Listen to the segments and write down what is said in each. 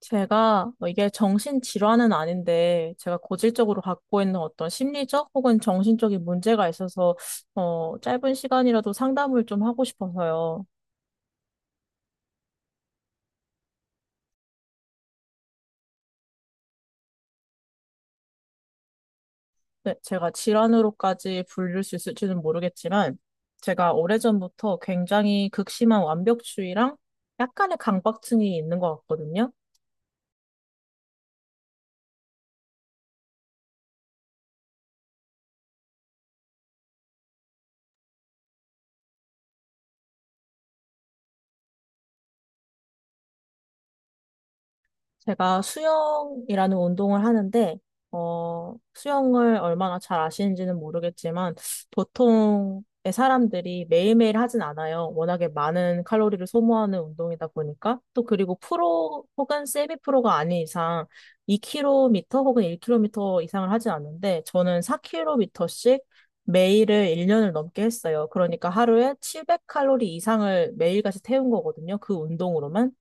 제가 뭐 이게 정신질환은 아닌데 제가 고질적으로 갖고 있는 어떤 심리적 혹은 정신적인 문제가 있어서 짧은 시간이라도 상담을 좀 하고 싶어서요. 네, 제가 질환으로까지 불릴 수 있을지는 모르겠지만 제가 오래전부터 굉장히 극심한 완벽주의랑 약간의 강박증이 있는 것 같거든요. 제가 수영이라는 운동을 하는데, 수영을 얼마나 잘 아시는지는 모르겠지만, 보통의 사람들이 매일매일 하진 않아요. 워낙에 많은 칼로리를 소모하는 운동이다 보니까, 또 그리고 프로 혹은 세미 프로가 아닌 이상 2km 혹은 1km 이상을 하진 않는데, 저는 4km씩 매일을 1년을 넘게 했어요. 그러니까 하루에 700칼로리 이상을 매일같이 태운 거거든요. 그 운동으로만.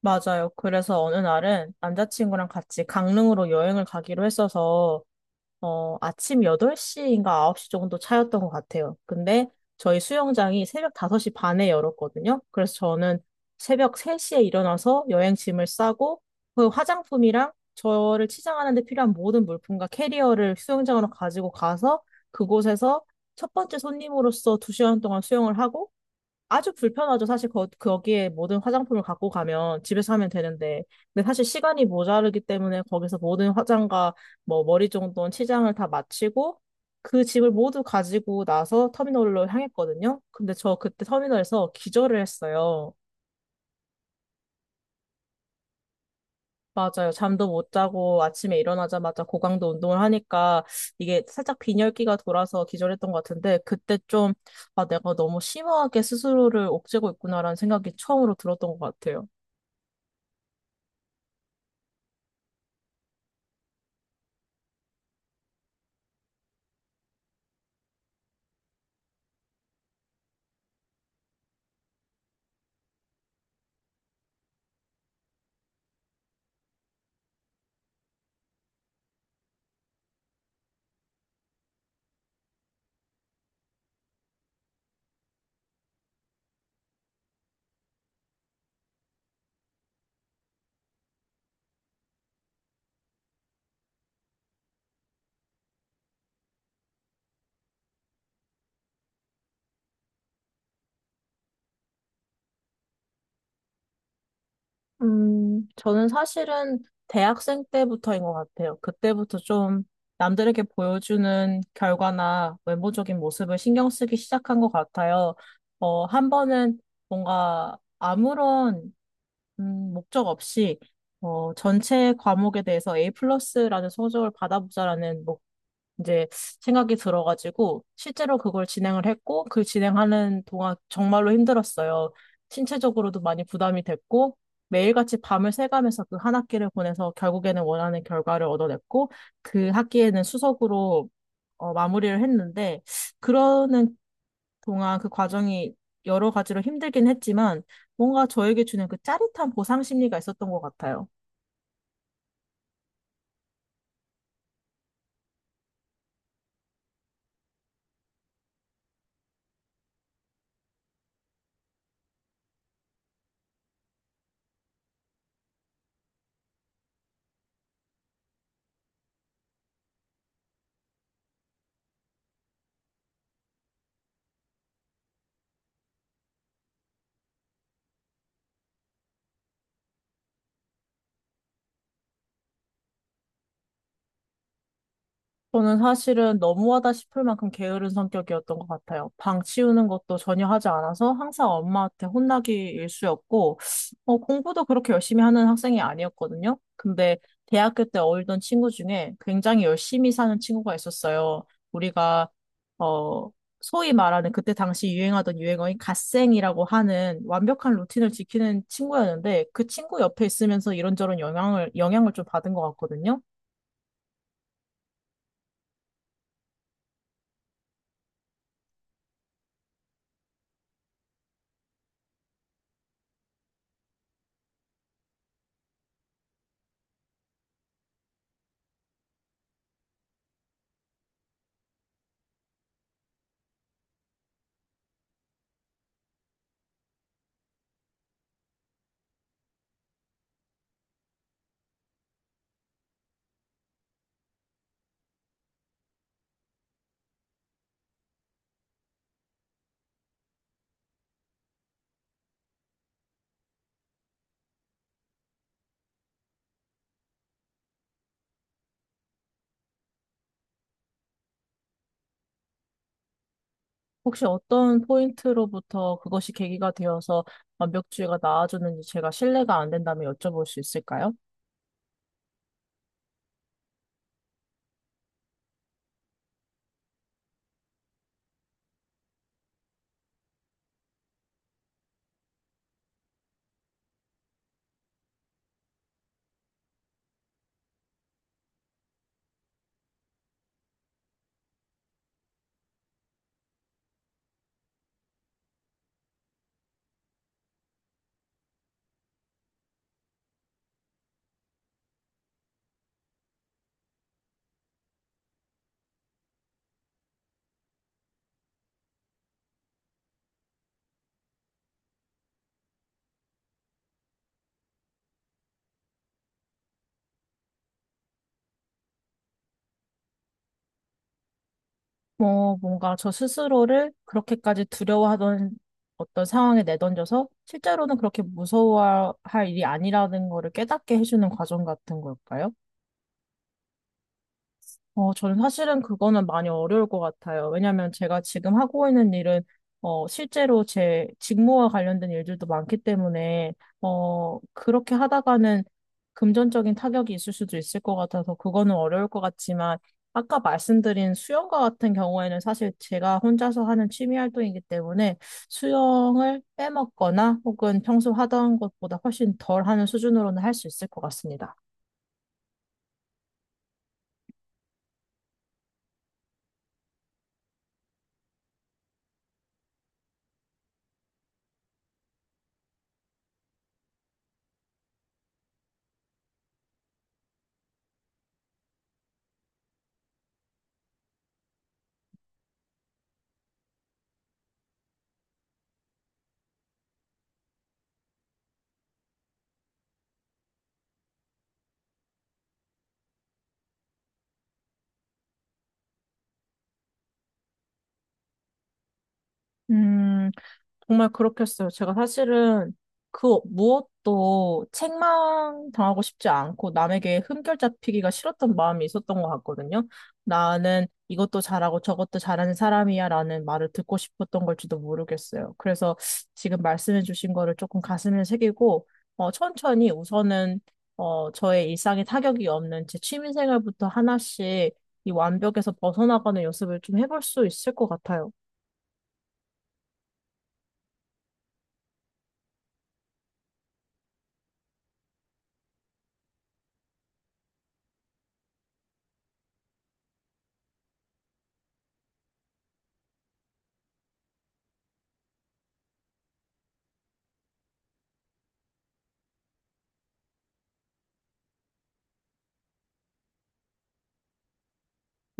맞아요. 그래서 어느 날은 남자친구랑 같이 강릉으로 여행을 가기로 했어서, 아침 8시인가 9시 정도 차였던 것 같아요. 근데 저희 수영장이 새벽 5시 반에 열었거든요. 그래서 저는 새벽 3시에 일어나서 여행짐을 싸고, 그 화장품이랑 저를 치장하는 데 필요한 모든 물품과 캐리어를 수영장으로 가지고 가서, 그곳에서 첫 번째 손님으로서 두 시간 동안 수영을 하고, 아주 불편하죠. 사실 거기에 모든 화장품을 갖고 가면 집에서 하면 되는데. 근데 사실 시간이 모자르기 때문에 거기서 모든 화장과 뭐 머리 정돈, 치장을 다 마치고 그 짐을 모두 가지고 나서 터미널로 향했거든요. 근데 저 그때 터미널에서 기절을 했어요. 맞아요. 잠도 못 자고 아침에 일어나자마자 고강도 운동을 하니까 이게 살짝 빈혈기가 돌아서 기절했던 것 같은데 그때 좀 아, 내가 너무 심하게 스스로를 옥죄고 있구나라는 생각이 처음으로 들었던 것 같아요. 저는 사실은 대학생 때부터인 것 같아요. 그때부터 좀 남들에게 보여주는 결과나 외모적인 모습을 신경 쓰기 시작한 것 같아요. 어, 한 번은 뭔가 아무런 목적 없이 전체 과목에 대해서 A 플러스라는 성적을 받아보자라는 이제 생각이 들어가지고 실제로 그걸 진행을 했고 그 진행하는 동안 정말로 힘들었어요. 신체적으로도 많이 부담이 됐고 매일같이 밤을 새가면서 그 한 학기를 보내서 결국에는 원하는 결과를 얻어냈고 그 학기에는 수석으로 마무리를 했는데 그러는 동안 그 과정이 여러 가지로 힘들긴 했지만 뭔가 저에게 주는 그 짜릿한 보상 심리가 있었던 것 같아요. 저는 사실은 너무하다 싶을 만큼 게으른 성격이었던 것 같아요. 방 치우는 것도 전혀 하지 않아서 항상 엄마한테 혼나기 일쑤였고, 공부도 그렇게 열심히 하는 학생이 아니었거든요. 근데 대학교 때 어울던 친구 중에 굉장히 열심히 사는 친구가 있었어요. 우리가, 어, 소위 말하는 그때 당시 유행하던 유행어인 갓생이라고 하는 완벽한 루틴을 지키는 친구였는데 그 친구 옆에 있으면서 이런저런 영향을 좀 받은 것 같거든요. 혹시 어떤 포인트로부터 그것이 계기가 되어서 완벽주의가 나아졌는지 제가 신뢰가 안 된다면 여쭤볼 수 있을까요? 뭔가 저 스스로를 그렇게까지 두려워하던 어떤 상황에 내던져서 실제로는 그렇게 무서워할 일이 아니라는 거를 깨닫게 해주는 과정 같은 걸까요? 어, 저는 사실은 그거는 많이 어려울 것 같아요. 왜냐하면 제가 지금 하고 있는 일은 실제로 제 직무와 관련된 일들도 많기 때문에 그렇게 하다가는 금전적인 타격이 있을 수도 있을 것 같아서 그거는 어려울 것 같지만 아까 말씀드린 수영과 같은 경우에는 사실 제가 혼자서 하는 취미 활동이기 때문에 수영을 빼먹거나 혹은 평소 하던 것보다 훨씬 덜 하는 수준으로는 할 수 있을 것 같습니다. 음, 정말 그렇겠어요. 제가 사실은 그 무엇도 책망 당하고 싶지 않고 남에게 흠결 잡히기가 싫었던 마음이 있었던 것 같거든요. 나는 이것도 잘하고 저것도 잘하는 사람이야 라는 말을 듣고 싶었던 걸지도 모르겠어요. 그래서 지금 말씀해 주신 거를 조금 가슴에 새기고, 천천히 우선은, 저의 일상에 타격이 없는 제 취미 생활부터 하나씩 이 완벽에서 벗어나가는 연습을 좀 해볼 수 있을 것 같아요.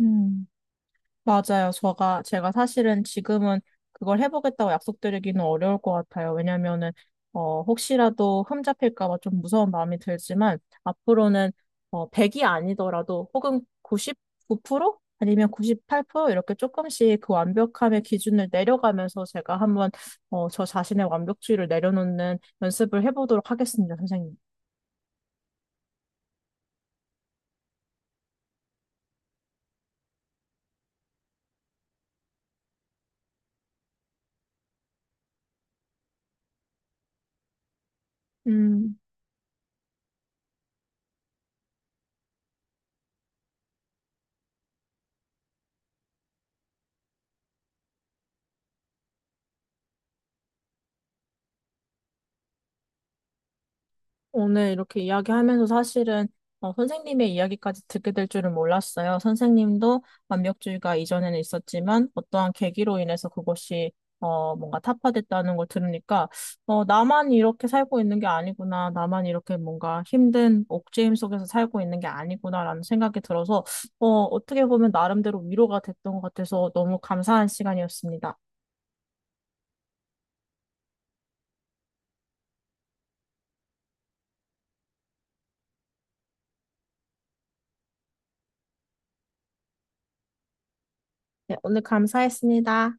음. 맞아요. 제가 사실은 지금은 그걸 해보겠다고 약속드리기는 어려울 것 같아요. 왜냐면은, 혹시라도 흠잡힐까 봐 좀 무서운 마음이 들지만, 앞으로는, 100이 아니더라도, 혹은 99% 아니면 98% 이렇게 조금씩 그 완벽함의 기준을 내려가면서 제가 한번, 저 자신의 완벽주의를 내려놓는 연습을 해보도록 하겠습니다, 선생님. 음. 오늘 이렇게 이야기하면서 사실은 선생님의 이야기까지 듣게 될 줄은 몰랐어요. 선생님도 완벽주의가 이전에는 있었지만 어떠한 계기로 인해서 그것이 뭔가 타파됐다는 걸 들으니까 나만 이렇게 살고 있는 게 아니구나. 나만 이렇게 뭔가 힘든 옥죄임 속에서 살고 있는 게 아니구나라는 생각이 들어서 어떻게 보면 나름대로 위로가 됐던 것 같아서 너무 감사한 시간이었습니다. 네, 오늘 감사했습니다.